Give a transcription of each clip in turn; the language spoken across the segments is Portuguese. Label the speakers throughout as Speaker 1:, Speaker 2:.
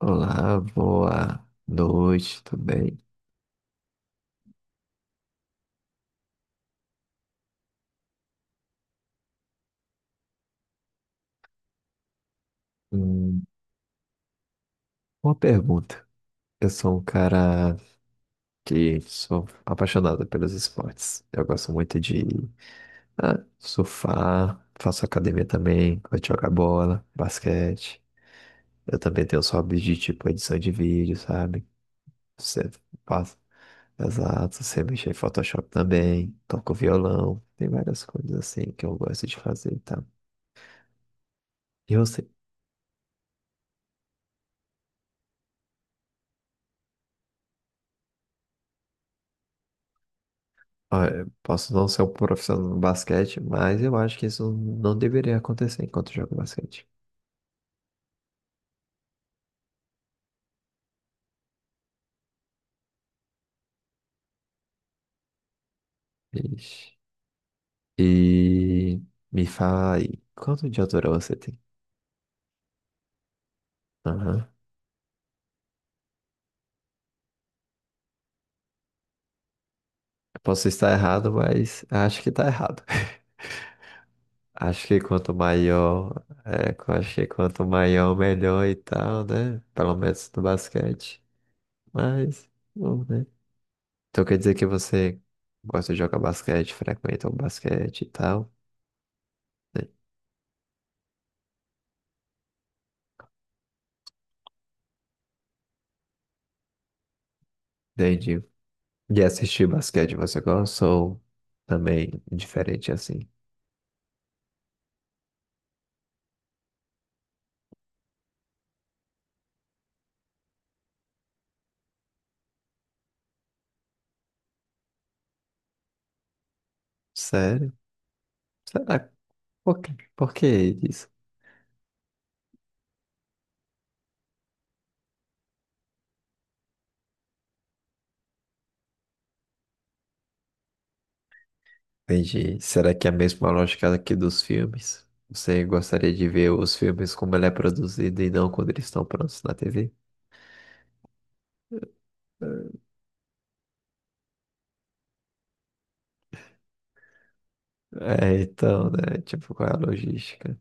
Speaker 1: Olá, boa noite, tudo bem? Hum, uma pergunta. Eu sou um cara que sou apaixonado pelos esportes. Eu gosto muito de surfar, faço academia também, gosto de jogar bola, basquete. Eu também tenho os hobbies de tipo edição de vídeo, sabe? Você faz, exato, você mexe em Photoshop também, toco violão, tem várias coisas assim que eu gosto de fazer, tá? E você? Olha, posso não ser um profissional no basquete, mas eu acho que isso não deveria acontecer enquanto eu jogo basquete. Ixi. E me fala aí, quanto de altura você tem? Aham. Eu posso estar errado, mas acho que tá errado. Acho que quanto maior, é, eu acho que quanto maior, melhor e tal, né? Pelo menos no basquete. Mas, bom, né? Então quer dizer que você gosta de jogar basquete, frequenta o basquete e tal, né? Entendi. E assistir basquete você gosta ou também diferente assim? Sério? Será? Por que isso? Entendi. Será que é a mesma lógica aqui dos filmes? Você gostaria de ver os filmes como ele é produzido e não quando eles estão prontos na TV? É, então, né? Tipo, qual é a logística?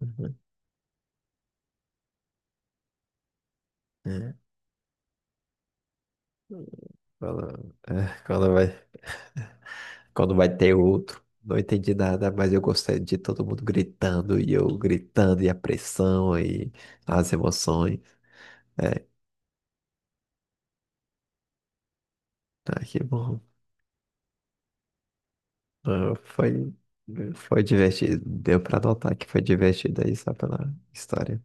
Speaker 1: Uhum. É, é, quando vai ter outro. Não entendi nada, mas eu gostei de todo mundo gritando e eu gritando e a pressão e as emoções. É, ah, que bom. Ah, foi, foi divertido. Deu pra notar que foi divertido aí só pela história.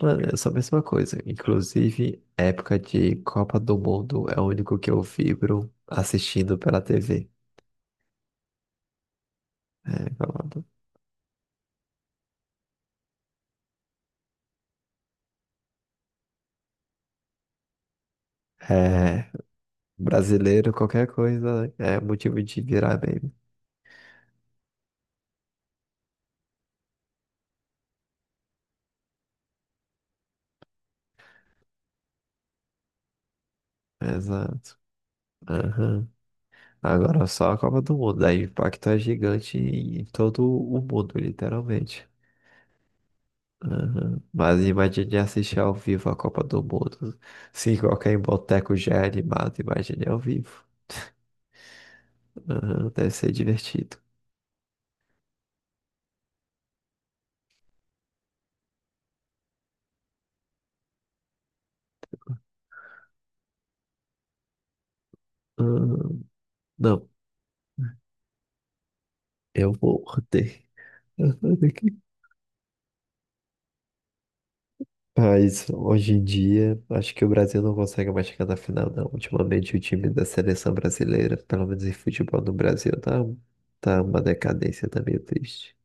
Speaker 1: Mano, é só a mesma coisa. Inclusive, época de Copa do Mundo é o único que eu vibro assistindo pela TV. É, falando. É, brasileiro, qualquer coisa é motivo de virar meme. Exato. Aham. Agora só a Copa do Mundo. Aí o impacto é gigante em todo o mundo, literalmente. Aham. Mas imagine assistir ao vivo a Copa do Mundo. Se qualquer boteco já é animado, imagine ao vivo. Aham, deve ser divertido. Aham, não, eu vou ter. Aham, daqui. Mas hoje em dia, acho que o Brasil não consegue mais chegar na final, não. Ultimamente, o time da seleção brasileira, pelo menos em futebol no Brasil, tá uma decadência, tá meio triste.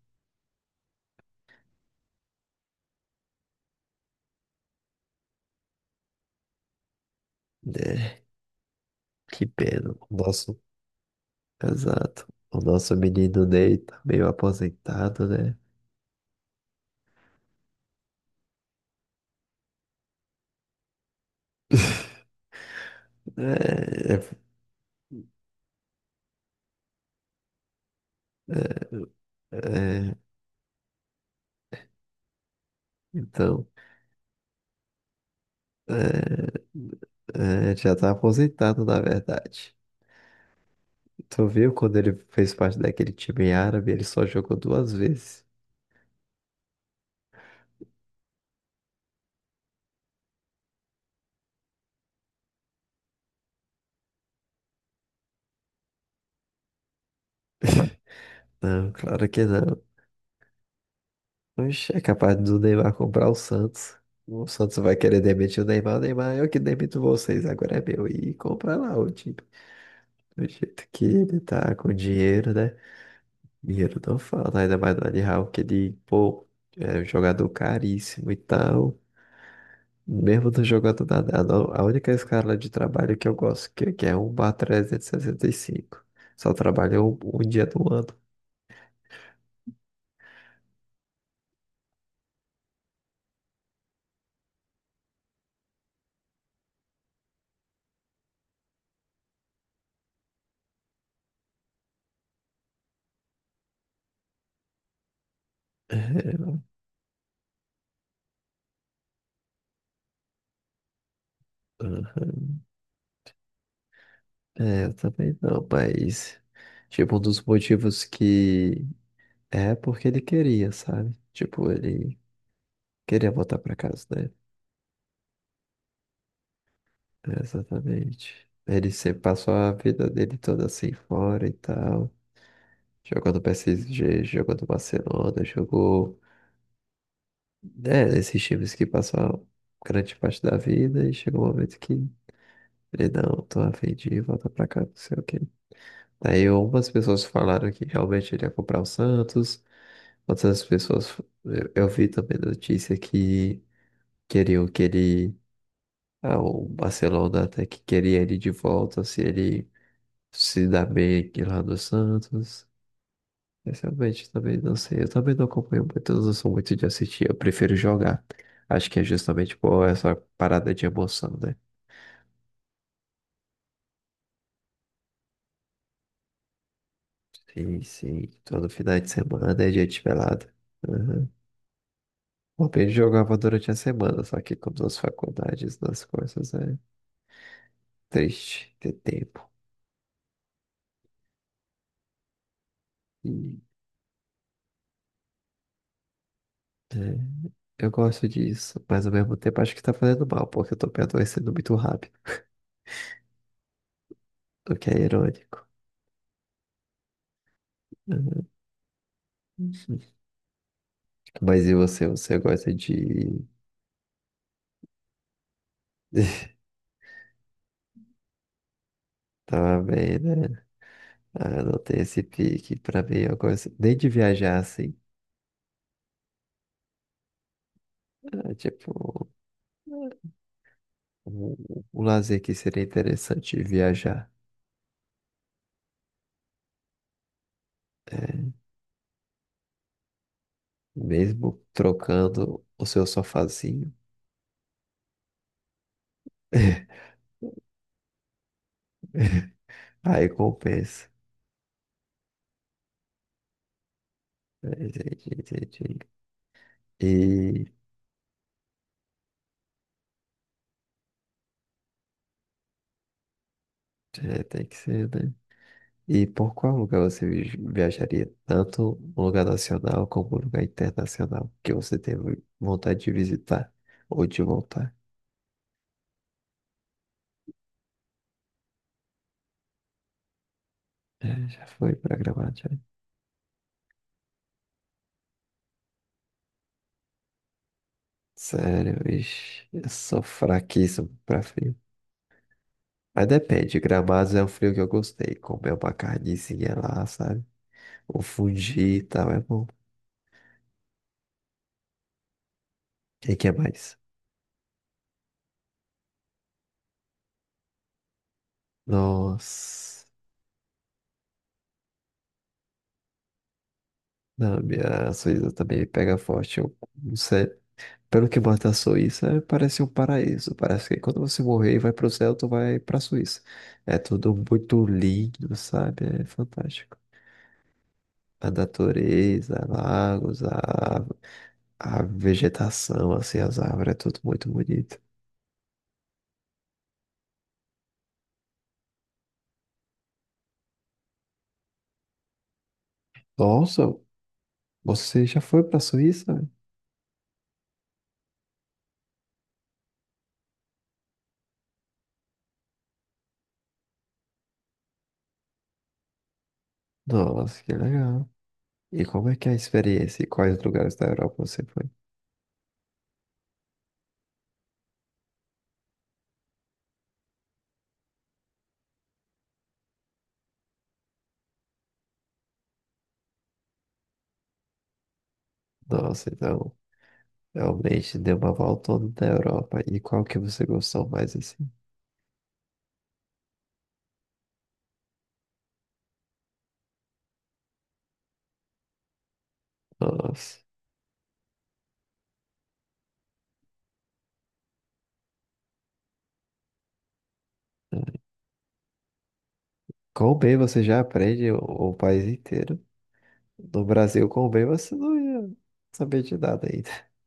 Speaker 1: Né? Que pena. O nosso, exato. O nosso menino Ney tá meio aposentado, né? É, é, então, é, já tá aposentado, na verdade. Tu viu quando ele fez parte daquele time árabe, ele só jogou duas vezes. Não, claro que não. Oxe, é capaz do Neymar comprar o Santos. O Santos vai querer demitir o Neymar. O Neymar, eu que demito vocês, agora é meu. E compra lá o time. Do jeito que ele tá com dinheiro, né? Dinheiro não falta, ainda mais do Al Hilal, que ele, pô, é um jogador caríssimo e tal. Mesmo no jogo atual, a no- a única escala de trabalho que eu gosto, que é um bar cinco. Só trabalho um dia do ano. Aham. É, eu também não, mas... Tipo, um dos motivos que... É porque ele queria, sabe? Tipo, ele queria voltar pra casa, né? É, exatamente. Ele sempre passou a vida dele toda assim fora e tal. Jogou no PSG, jogou no Barcelona, jogou. É, esses times que passam grande parte da vida e chega um momento que ele não, tô a fim de voltar pra cá, não sei o quê. Aí, algumas pessoas falaram que realmente ele ia comprar o Santos, outras pessoas, eu vi também notícia que queriam que ele, ah, o Barcelona até que queria ele de volta, se ele se dá bem aqui lá no Santos. Eu realmente também não sei. Eu também não acompanho muito, eu não sou muito de assistir, eu prefiro jogar. Acho que é justamente por essa parada de emoção, né? Sim, sim. Todo final de semana é dia de pelada. Uhum. Bom, eu jogava durante a semana, só que com duas faculdades, duas coisas, é triste ter tempo. E, é, eu gosto disso, mas ao mesmo tempo acho que tá fazendo mal, porque eu tô me adoecendo muito rápido, o que é irônico. Uhum. Mas e você? Você gosta de. Tava bem, né? Anotei esse pique pra mim. Eu gosto nem de viajar assim. Ah, tipo, o, o lazer que seria interessante viajar. É, mesmo trocando o seu sofazinho, aí compensa. É, entendi, entendi. E é, tem que ser, né? E por qual lugar você viajaria? Tanto um lugar nacional como um lugar internacional que você tem vontade de visitar ou de voltar? É, já foi pra gramado já. Sério, ixi, eu sou fraquíssimo pra frio. Mas depende, Gramados é um frio que eu gostei. Comer uma carnezinha lá, sabe? O fundi e tal, é bom. E o que é mais? Nossa. Não, minha Suíça também pega forte. Eu, não sei. Pelo que mata a Suíça, parece um paraíso. Parece que quando você morrer e vai pro céu, tu vai pra Suíça. É tudo muito lindo, sabe? É fantástico. A natureza, lagos, a vegetação, assim, as árvores, é tudo muito bonito. Nossa, você já foi pra Suíça? Nossa, que legal. E como é que é a experiência? E quais lugares da Europa você foi? Nossa, então, realmente deu uma volta toda da Europa. E qual que você gostou mais, assim? Nossa. É. Com o bem você já aprende o país inteiro. No Brasil, com o bem você não ia saber de nada ainda.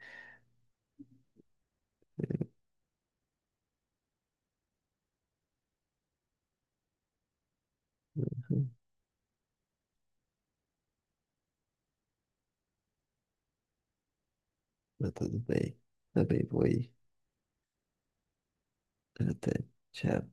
Speaker 1: Mas tudo bem. Também vou ir. Até. Tchau.